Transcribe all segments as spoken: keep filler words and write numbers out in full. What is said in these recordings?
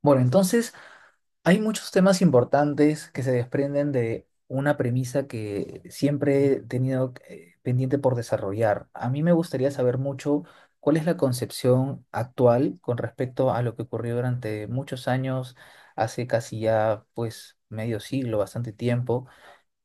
Bueno, entonces hay muchos temas importantes que se desprenden de una premisa que siempre he tenido eh, pendiente por desarrollar. A mí me gustaría saber mucho cuál es la concepción actual con respecto a lo que ocurrió durante muchos años, hace casi ya pues medio siglo, bastante tiempo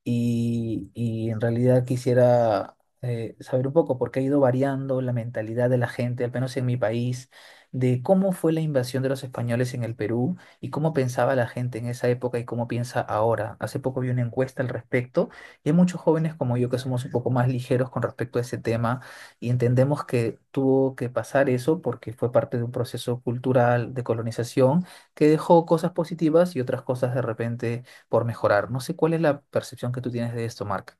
y, y en realidad quisiera eh, saber un poco porque ha ido variando la mentalidad de la gente, al menos en mi país, de cómo fue la invasión de los españoles en el Perú y cómo pensaba la gente en esa época y cómo piensa ahora. Hace poco vi una encuesta al respecto y hay muchos jóvenes como yo que somos un poco más ligeros con respecto a ese tema y entendemos que tuvo que pasar eso porque fue parte de un proceso cultural de colonización que dejó cosas positivas y otras cosas de repente por mejorar. No sé cuál es la percepción que tú tienes de esto, Mark.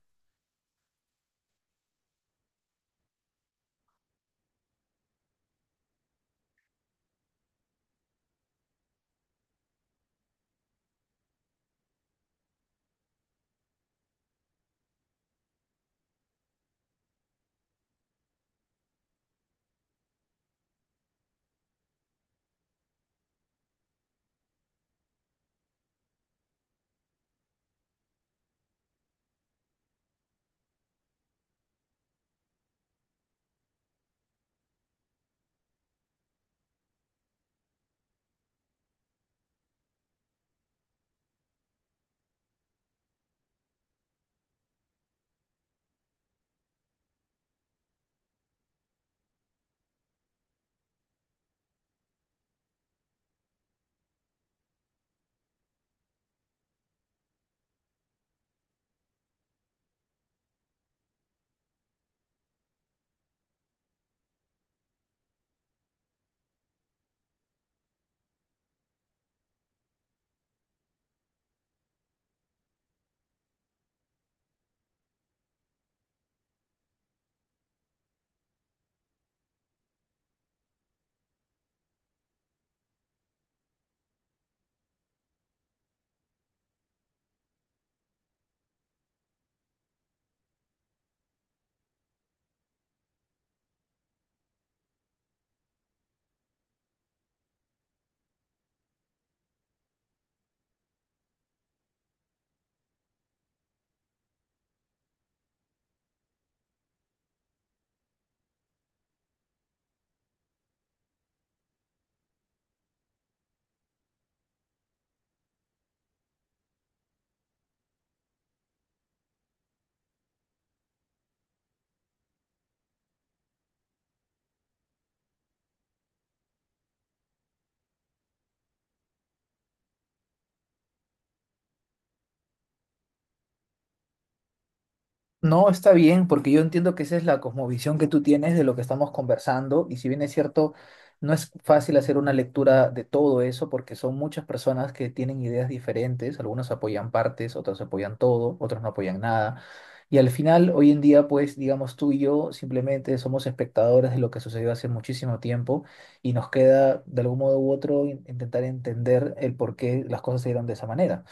No, está bien, porque yo entiendo que esa es la cosmovisión que tú tienes de lo que estamos conversando, y si bien es cierto, no es fácil hacer una lectura de todo eso, porque son muchas personas que tienen ideas diferentes, algunos apoyan partes, otros apoyan todo, otros no apoyan nada, y al final, hoy en día, pues, digamos, tú y yo simplemente somos espectadores de lo que sucedió hace muchísimo tiempo, y nos queda, de algún modo u otro, in- intentar entender el por qué las cosas se dieron de esa manera.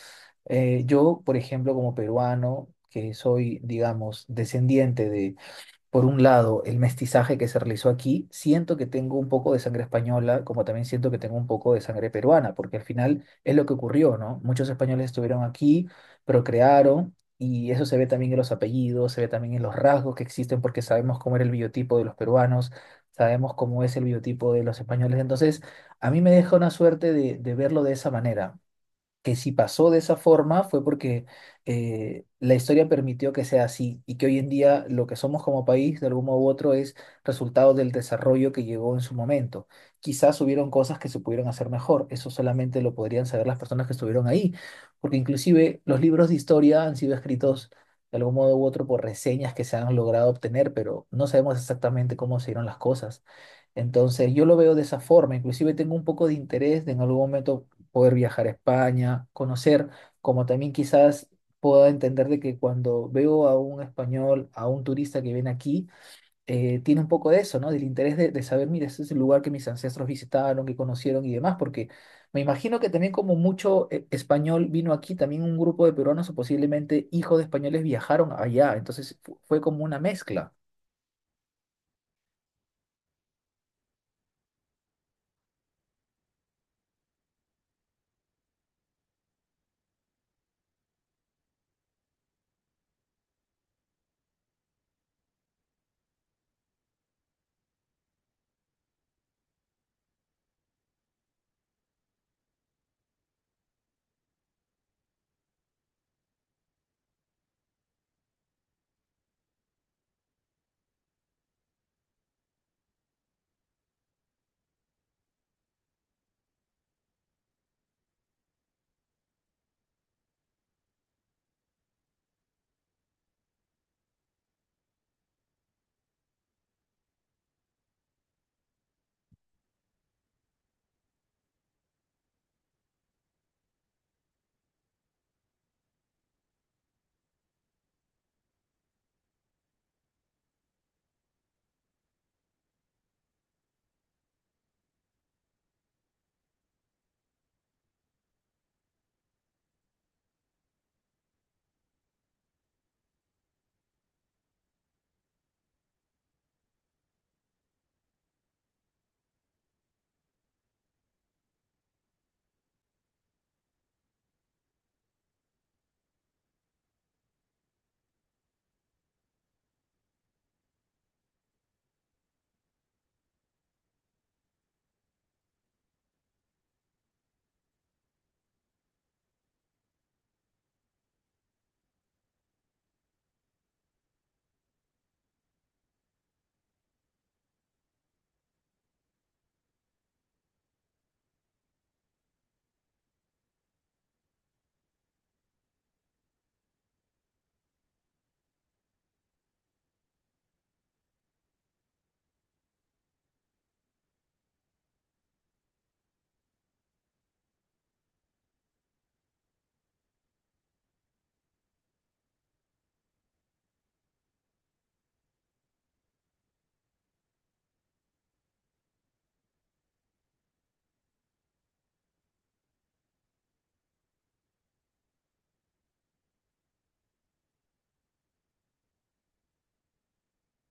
Eh, yo, por ejemplo, como peruano, que soy, digamos, descendiente de, por un lado, el mestizaje que se realizó aquí, siento que tengo un poco de sangre española, como también siento que tengo un poco de sangre peruana, porque al final es lo que ocurrió, ¿no? Muchos españoles estuvieron aquí, procrearon, y eso se ve también en los apellidos, se ve también en los rasgos que existen, porque sabemos cómo era el biotipo de los peruanos, sabemos cómo es el biotipo de los españoles. Entonces, a mí me deja una suerte de, de verlo de esa manera que si pasó de esa forma fue porque eh, la historia permitió que sea así y que hoy en día lo que somos como país de algún modo u otro es resultado del desarrollo que llegó en su momento. Quizás hubieron cosas que se pudieron hacer mejor, eso solamente lo podrían saber las personas que estuvieron ahí, porque inclusive los libros de historia han sido escritos de algún modo u otro por reseñas que se han logrado obtener, pero no sabemos exactamente cómo se dieron las cosas. Entonces, yo lo veo de esa forma. Inclusive tengo un poco de interés de en algún momento poder viajar a España, conocer, como también quizás pueda entender de que cuando veo a un español, a un turista que viene aquí, eh, tiene un poco de eso, ¿no? Del interés de, de saber, mira, este es el lugar que mis ancestros visitaron, que conocieron y demás, porque me imagino que también como mucho eh, español vino aquí, también un grupo de peruanos o posiblemente hijos de españoles viajaron allá, entonces fu- fue como una mezcla.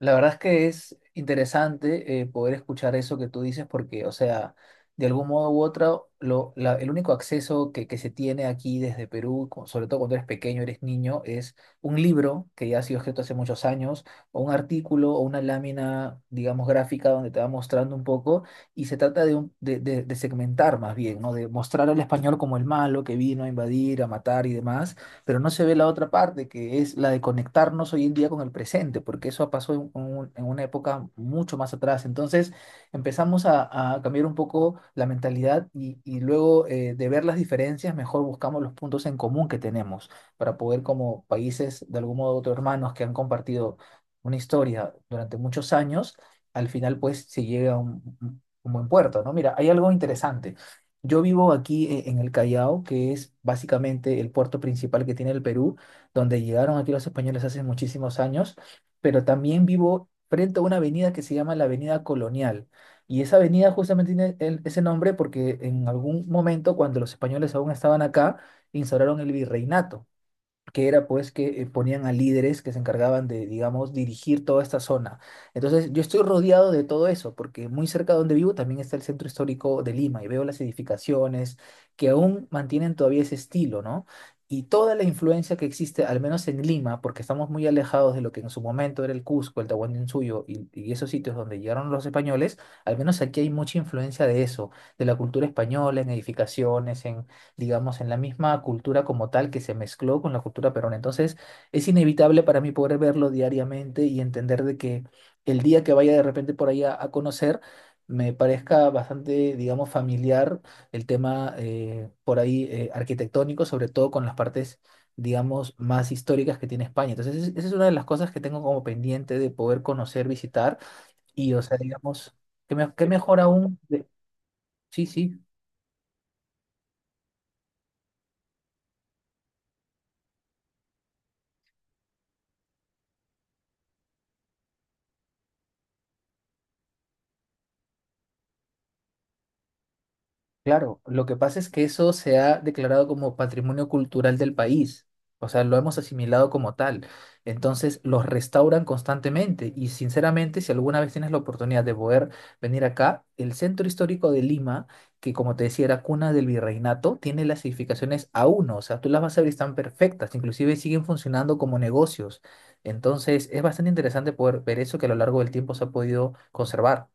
La verdad es que es interesante eh, poder escuchar eso que tú dices porque, o sea, de algún modo u otro, lo, la- el único acceso que, que se tiene aquí desde Perú, co- sobre todo cuando eres pequeño, eres niño, es un libro que ya ha sido escrito hace muchos años, o un artículo o una lámina, digamos, gráfica donde te va mostrando un poco y se trata de, un- de, de- de segmentar más bien, ¿no? De mostrar al español como el malo que vino a invadir, a matar y demás, pero no se ve la otra parte, que es la de conectarnos hoy en día con el presente, porque eso pasó en, un- en una época mucho más atrás. Entonces empezamos a, a cambiar un poco la mentalidad y, y luego eh, de ver las diferencias, mejor buscamos los puntos en común que tenemos para poder como países de algún modo u otro hermanos que han compartido una historia durante muchos años, al final pues se llega a un, un buen puerto, ¿no? Mira, hay algo interesante. Yo vivo aquí eh, en el Callao, que es básicamente el puerto principal que tiene el Perú, donde llegaron aquí los españoles hace muchísimos años, pero también vivo frente a una avenida que se llama la Avenida Colonial. Y esa avenida justamente tiene el- ese nombre porque en algún momento, cuando los españoles aún estaban acá, instauraron el virreinato que era pues que eh, ponían a líderes que se encargaban de, digamos, dirigir toda esta zona. Entonces, yo estoy rodeado de todo eso, porque muy cerca de donde vivo también está el centro histórico de Lima y veo las edificaciones que aún mantienen todavía ese estilo, ¿no? Y toda la influencia que existe, al menos en Lima, porque estamos muy alejados de lo que en su momento era el Cusco, el Tahuantinsuyo y, y esos sitios donde llegaron los españoles, al menos aquí hay mucha influencia de eso, de la cultura española, en edificaciones, digamos, en la misma cultura como tal que se mezcló con la cultura peruana. Entonces, es inevitable para mí poder verlo diariamente y entender de que el día que vaya de repente por ahí a, a conocer, me parezca bastante, digamos, familiar el tema eh, por ahí eh, arquitectónico, sobre todo con las partes, digamos, más históricas que tiene España. Entonces, es- esa es una de las cosas que tengo como pendiente de poder conocer, visitar y, o sea, digamos, que, me- que mejor aún, de- sí, sí. Claro, lo que pasa es que eso se ha declarado como patrimonio cultural del país, o sea, lo hemos asimilado como tal. Entonces, los restauran constantemente y sinceramente, si alguna vez tienes la oportunidad de poder venir acá, el centro histórico de Lima, que como te decía era cuna del virreinato, tiene las edificaciones A uno, o sea, tú las vas a ver, y están perfectas, inclusive siguen funcionando como negocios. Entonces, es bastante interesante poder ver eso que a lo largo del tiempo se ha podido conservar.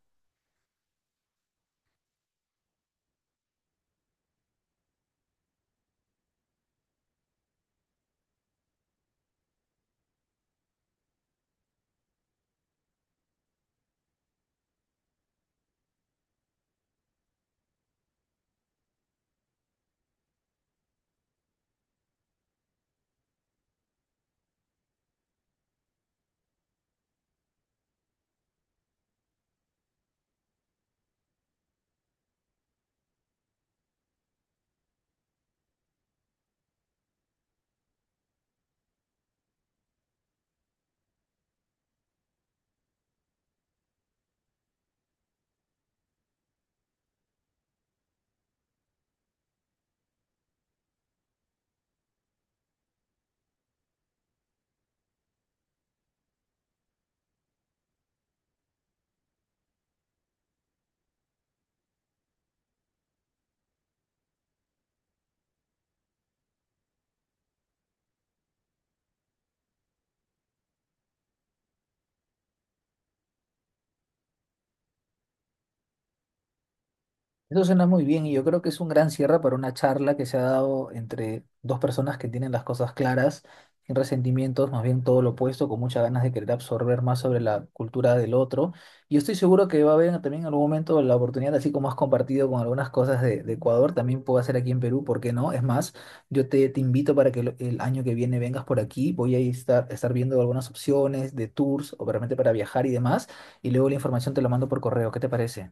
Eso suena muy bien y yo creo que es un gran cierre para una charla que se ha dado entre dos personas que tienen las cosas claras, sin resentimientos, más bien todo lo opuesto, con muchas ganas de querer absorber más sobre la cultura del otro. Y estoy seguro que va a haber también en algún momento la oportunidad, así como has compartido con algunas cosas de, de Ecuador, también puedo hacer aquí en Perú, ¿por qué no? Es más, yo te, te invito para que el, el año que viene vengas por aquí, voy a estar, estar viendo algunas opciones de tours, o realmente para viajar y demás, y luego la información te la mando por correo, ¿qué te parece?